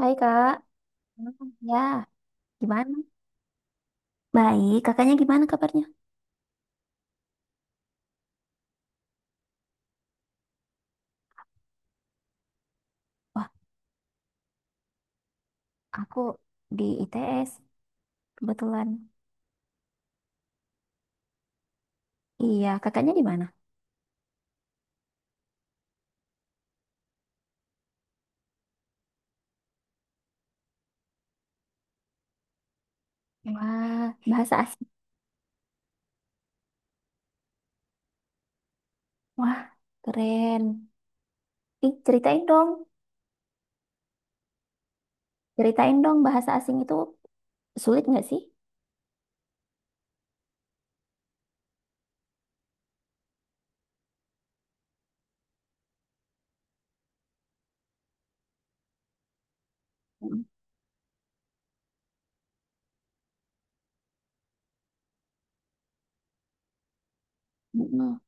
Hai, Kak. Ya, gimana? Baik. Kakaknya gimana kabarnya? Wah, aku di ITS kebetulan. Iya, kakaknya di mana? Wah, bahasa asing. Wah, keren. Ih, ceritain dong bahasa asing itu sulit nggak sih? Mm. Mm-mm.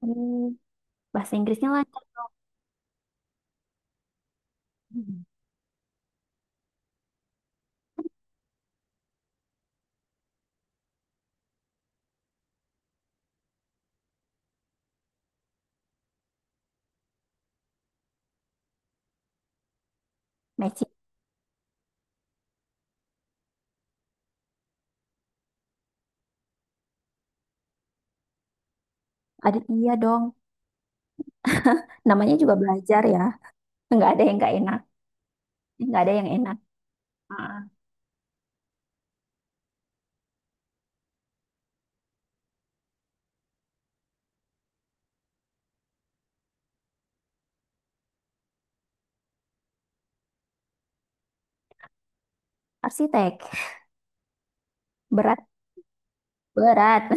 Hmm, Bahasa Inggrisnya lancar. Mm. Matching. Ada iya dong. Namanya juga belajar ya. Nggak ada yang nggak enak, nggak ada yang enak. Ah, arsitek, berat, berat.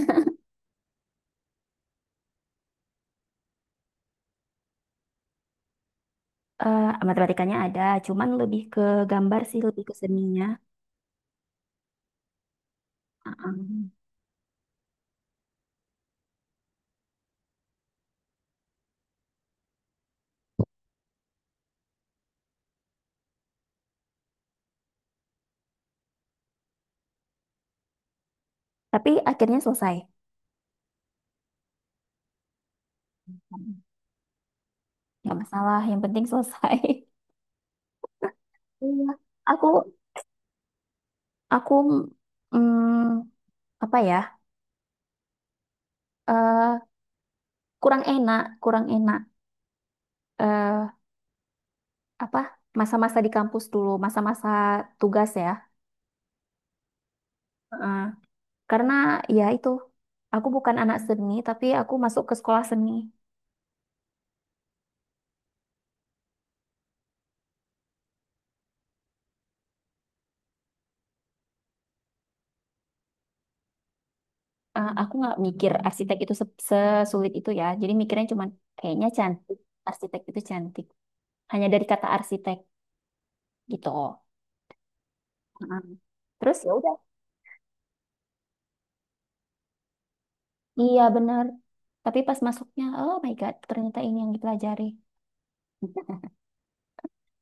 Matematikanya ada, cuman lebih ke gambar sih, lebih ke seninya. Heeh. Tapi akhirnya selesai. Nggak masalah, yang penting selesai. Iya. Aku, aku, mm, apa ya, eh, kurang enak, kurang enak. eh Apa, masa-masa di kampus dulu, masa-masa tugas ya. Heeh. Karena ya itu, aku bukan anak seni, tapi aku masuk ke sekolah seni. Aku nggak mikir arsitek itu sesulit itu ya. Jadi mikirnya cuman kayaknya cantik, arsitek itu cantik. Hanya dari kata arsitek gitu. Heeh. Terus ya udah, iya benar. Tapi pas masuknya, oh my God, ternyata ini yang dipelajari.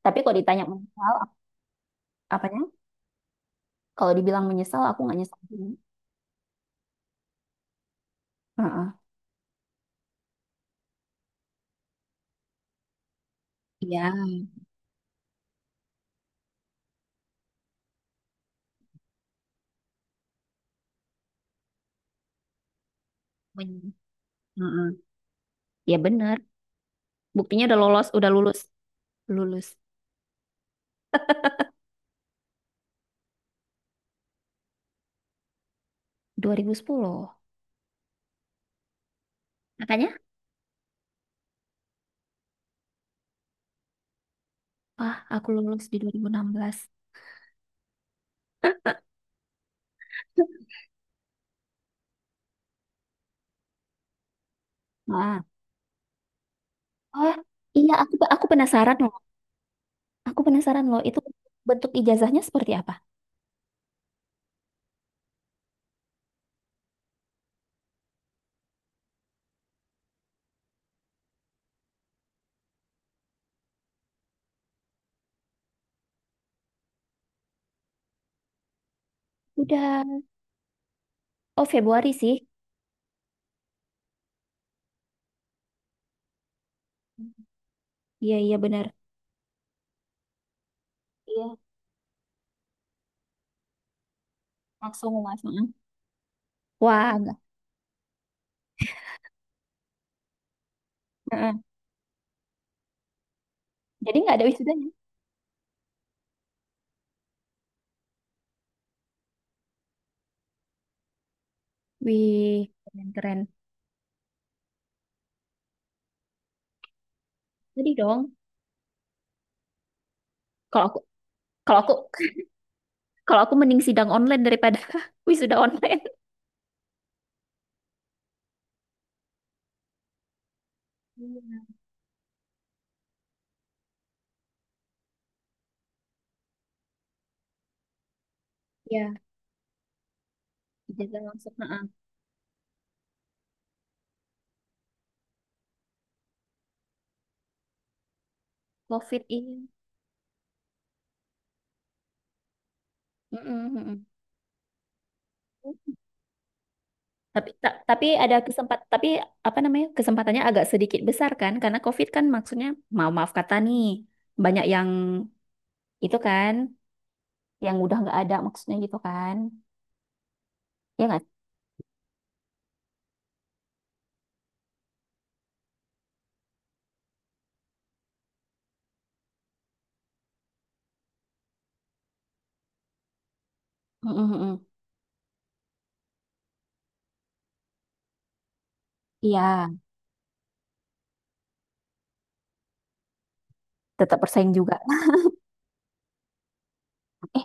Tapi kalau ditanya menyesal, apanya? Kalau dibilang menyesal, aku nggak nyesal. Heeh. Iya. Men- Heeh. Ya benar. Buktinya udah lolos, udah lulus. Lulus 2010. Makanya, wah, aku lulus di 2016. Oh, iya, aku penasaran loh. Aku penasaran loh itu bentuk ijazahnya seperti apa? Udah. Oh, Februari sih. Iya, iya, benar. Iya, langsung langsung. Wah, enggak. Heeh. Jadi nggak ada wisudanya. Wih, keren keren. Jadi dong, kalau aku kalau aku kalau aku mending sidang online daripada wisuda online. Iya, ijazah langsung. Heeh. COVID ini. Heeh, heeh. Tapi, ta- tapi ada kesempat, tapi apa namanya kesempatannya agak sedikit besar kan, karena COVID kan maksudnya mau maaf kata nih banyak yang itu kan, yang udah nggak ada maksudnya gitu kan, ya nggak? Mm, mm, mm. Mm. Iya, tetap bersaing juga. Nah, Eh,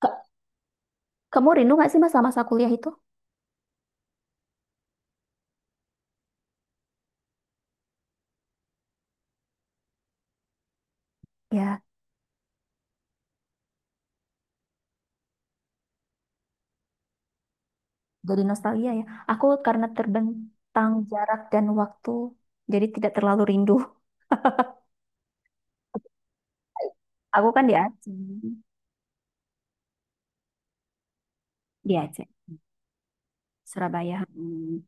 ka- kamu rindu nggak sih mas sama masa kuliah itu? Ya, jadi nostalgia ya. Aku karena terbentang jarak dan waktu, jadi tidak terlalu rindu. Aku kan di Aceh. Di Aceh. Surabaya. Hmm.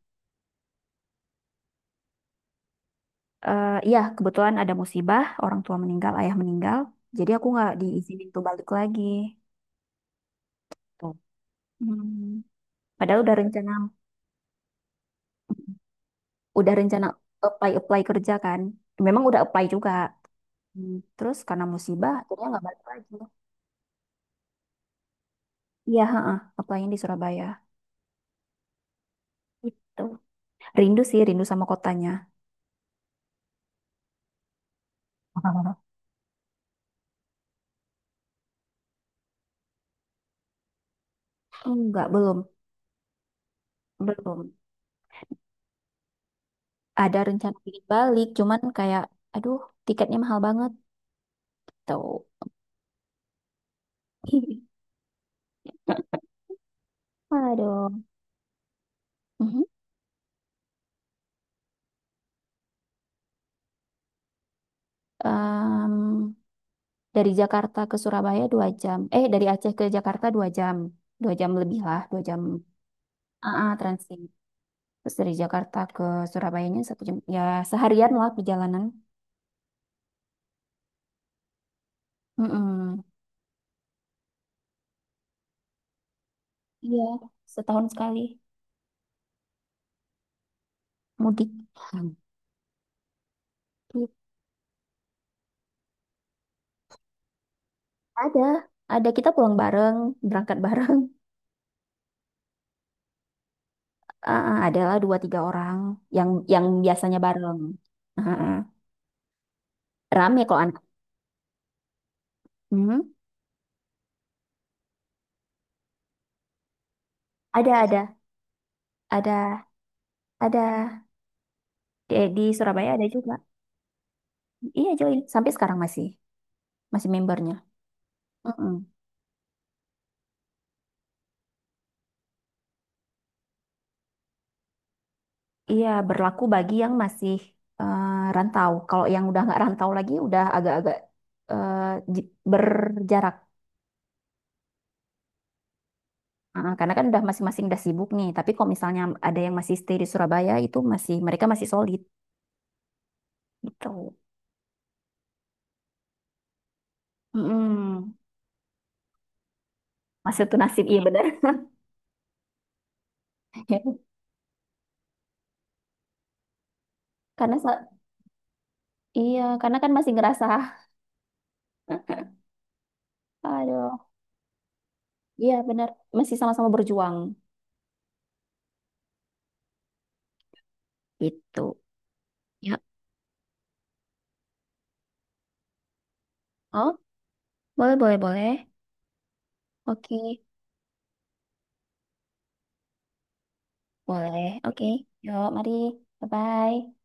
Iya, kebetulan ada musibah, orang tua meninggal, ayah meninggal. Jadi aku nggak diizinin tuh balik lagi. Oh. Hmm. Padahal udah rencana apply apply kerja kan. Memang udah apply juga. Hmm. Terus karena musibah, akhirnya nggak balik lagi. Iya, heeh, apply-nya di Surabaya. Gitu. Rindu sih, rindu sama kotanya. Enggak, belum, belum. Ada rencana ingin balik, cuman kayak, aduh, tiketnya mahal banget. Tuh. Aduh. Mhm. Em, dari Jakarta ke Surabaya 2 jam. Dari Aceh ke Jakarta 2 jam. 2 jam lebih lah, 2 jam. Ah, ah, transit. Terus dari Jakarta ke Surabayanya 1 jam. Ya, seharian lah perjalanan. Mm-mm. Iya, setahun sekali mudik. Hmm. Gitu. Ada, ada, kita pulang bareng, berangkat bareng. Ah, ah, adalah 2-3 orang yang biasanya bareng. Ah, ah. Rame kalau anak. Hmm. Ada, ada, ada, ada. Di Surabaya ada juga. Iya join sampai sekarang masih masih membernya. Mm-mm. Iya berlaku bagi yang masih eh, rantau. Kalau yang udah nggak rantau lagi udah agak-agak eh, berjarak. Ah, karena kan udah masing-masing udah sibuk nih. Tapi kalau misalnya ada yang masih stay di Surabaya itu masih mereka masih solid gitu. Mm-mm. Masih tuh nasib iya benar. Karena sa- iya, karena kan masih ngerasa aduh iya benar masih sama-sama berjuang gitu. Ya. Oh, boleh boleh boleh. Oke. Boleh. Oke. Yuk, mari. Bye-bye.